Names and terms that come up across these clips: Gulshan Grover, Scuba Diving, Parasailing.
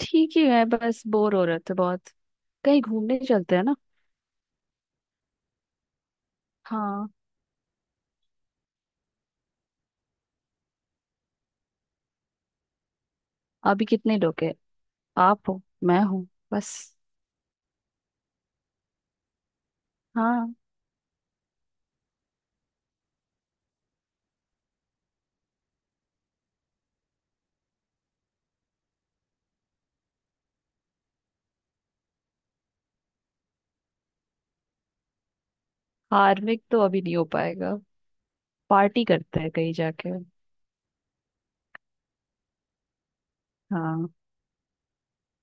ठीक ही है। बस बोर हो रहे थे बहुत। कहीं घूमने चलते हैं ना? हाँ। अभी कितने लोग हैं? आप हो मैं हूँ बस। हाँ। हार्मिक तो अभी नहीं हो पाएगा। पार्टी करते हैं कहीं जाके। हाँ।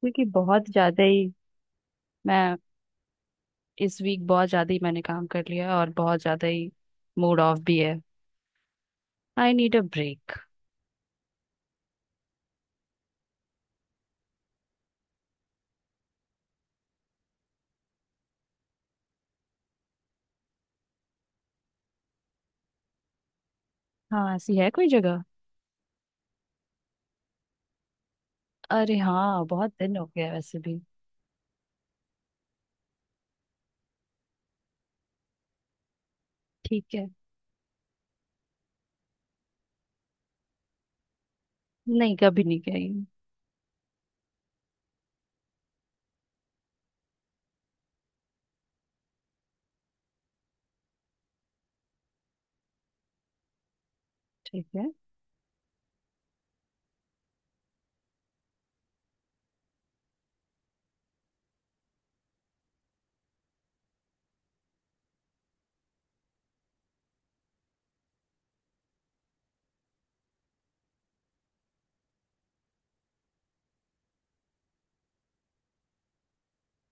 क्योंकि बहुत ज्यादा ही मैं इस वीक बहुत ज्यादा ही मैंने काम कर लिया है और बहुत ज्यादा ही मूड ऑफ भी है। I need a break. हाँ, ऐसी है कोई जगह? अरे हाँ, बहुत दिन हो गया वैसे भी। ठीक है। नहीं कभी नहीं गई। ठीक है।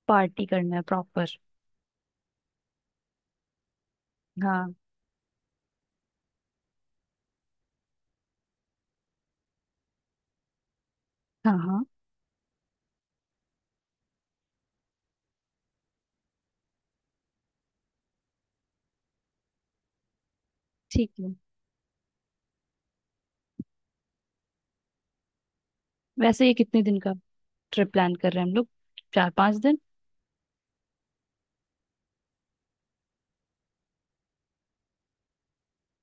पार्टी करना है प्रॉपर। हाँ। हाँ हाँ। ठीक है। वैसे ये कितने दिन का ट्रिप प्लान कर रहे हैं हम लोग? 4-5 दिन।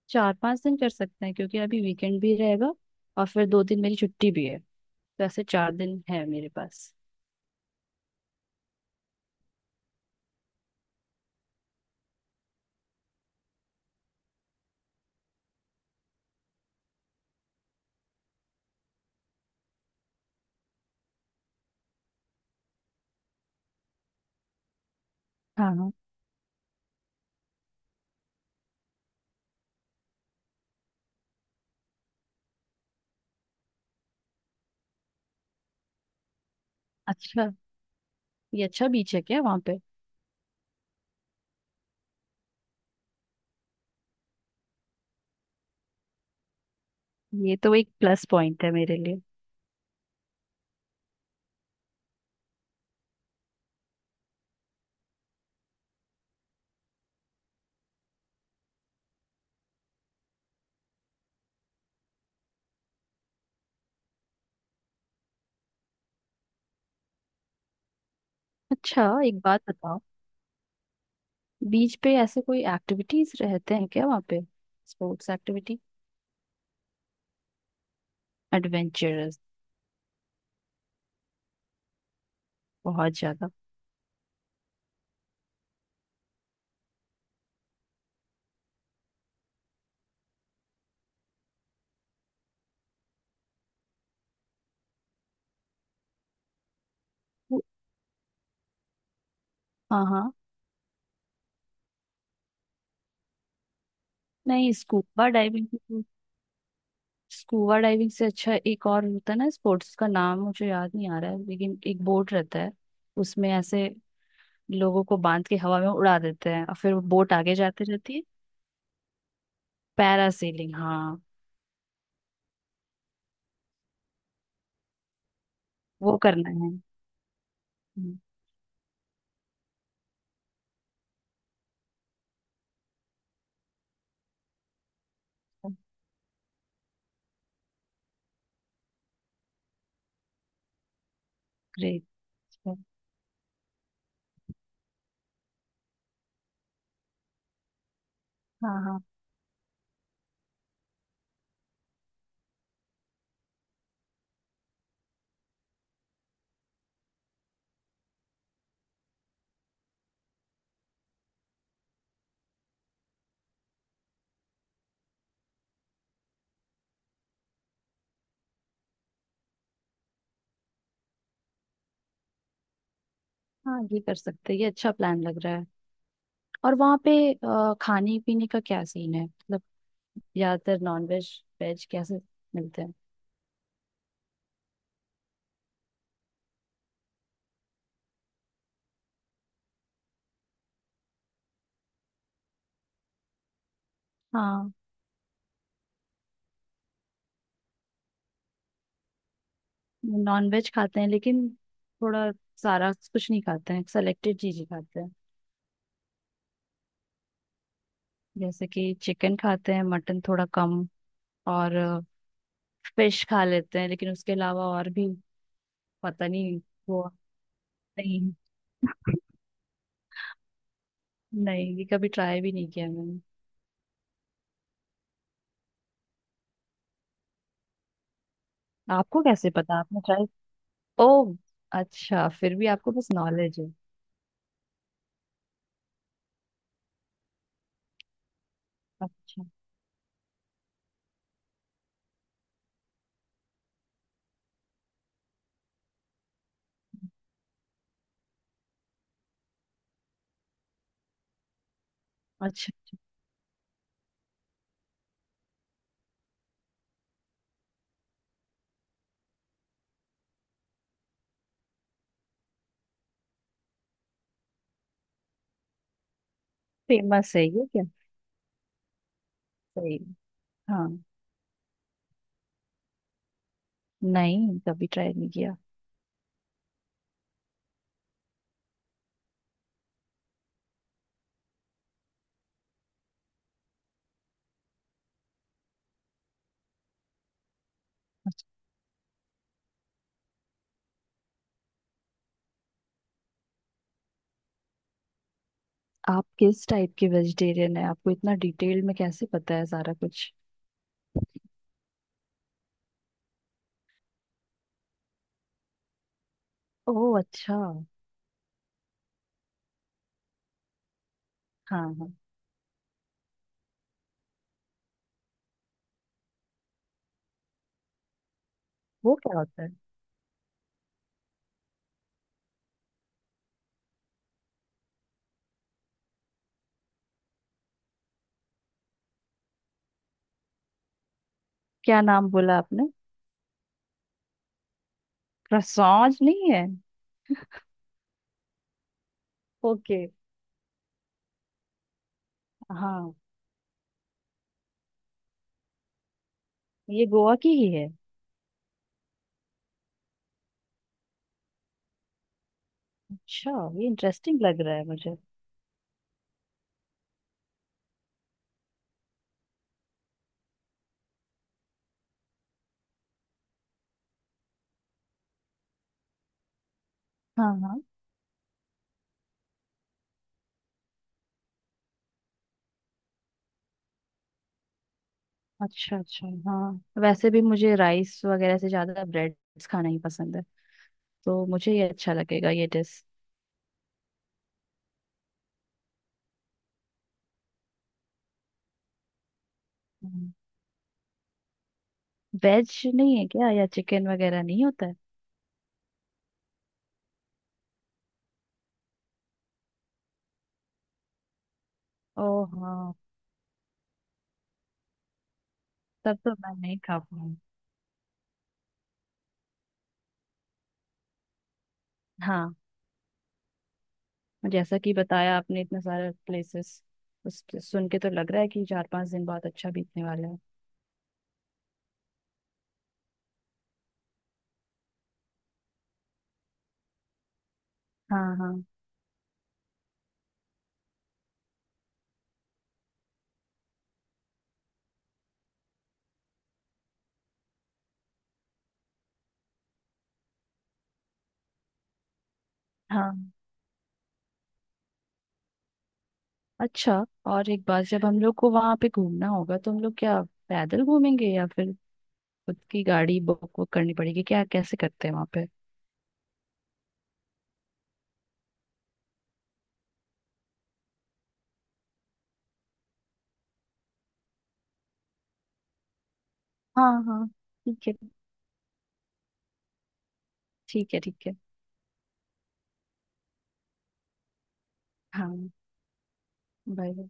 4-5 दिन कर सकते हैं, क्योंकि अभी वीकेंड भी रहेगा और फिर 2 दिन मेरी छुट्टी भी है। तो ऐसे 4 दिन है मेरे पास। हाँ हाँ। अच्छा, ये अच्छा बीच है क्या वहाँ पे? ये तो एक प्लस पॉइंट है मेरे लिए। अच्छा एक बात बताओ, बीच पे ऐसे कोई एक्टिविटीज रहते हैं क्या वहाँ पे? Sports activity? एडवेंचरस। बहुत ज्यादा। वो- हाँ हाँ। नहीं, स्कूबा डाइविंग, स्कूबा डाइविंग से अच्छा एक और होता है ना स्पोर्ट्स का, नाम मुझे याद नहीं आ रहा है लेकिन एक बोट रहता है, उसमें ऐसे लोगों को बांध के हवा में उड़ा देते हैं और फिर वो बोट आगे जाते रहती है। पैरासेलिंग, हाँ। वो करना है। ग्रेट। हाँ। हाँ हाँ। हाँ, ये कर सकते हैं, ये अच्छा प्लान लग रहा है। और वहाँ पे खाने पीने का क्या सीन है मतलब? ज्यादातर नॉन वेज, वेज कैसे मिलते हैं? हाँ। नॉन वेज खाते हैं लेकिन थोड़ा, सारा कुछ नहीं खाते हैं, सेलेक्टेड चीजें खाते हैं। जैसे कि चिकन खाते हैं, मटन थोड़ा कम, और फिश खा लेते हैं लेकिन उसके अलावा और भी पता नहीं। वो नहीं, नहीं ये कभी ट्राई भी नहीं किया मैंने। आपको कैसे पता, आपने ट्राई? ओ। अच्छा, फिर भी आपको बस नॉलेज है। अच्छा। अच्छा, फेमस है ये क्या? सही है। हाँ। नहीं, कभी ट्राई नहीं किया। अच्छा। आप किस टाइप के वेजिटेरियन है, आपको इतना डिटेल में कैसे पता है सारा कुछ? ओह अच्छा। हाँ हाँ। वो क्या होता है? क्या नाम बोला आपने? करसौंज नहीं है? ओके। हाँ। ये गोवा की ही है? अच्छा। ये इंटरेस्टिंग लग रहा है मुझे। हाँ हाँ। अच्छा अच्छा, हाँ वैसे भी मुझे राइस वगैरह से ज्यादा ब्रेड्स खाना ही पसंद है। तो मुझे ये अच्छा लगेगा ये डिश। हम्म, वेज नहीं है क्या, या चिकन वगैरह नहीं होता है? ओ हाँ। तब तो मैं नहीं खा पाऊँ। हाँ। जैसा कि बताया आपने इतने सारे प्लेसेस, उस सुन के तो लग रहा है कि 4-5 दिन बहुत अच्छा बीतने वाला है। हाँ हाँ। हाँ। अच्छा। और एक बात, जब हम लोग को वहां पे घूमना होगा तो हम लोग क्या पैदल घूमेंगे या फिर खुद की गाड़ी बुक वुक करनी पड़ेगी क्या, कैसे करते हैं वहां पे? हाँ हाँ। ठीक है, ठीक है ठीक है। हाँ। बाय।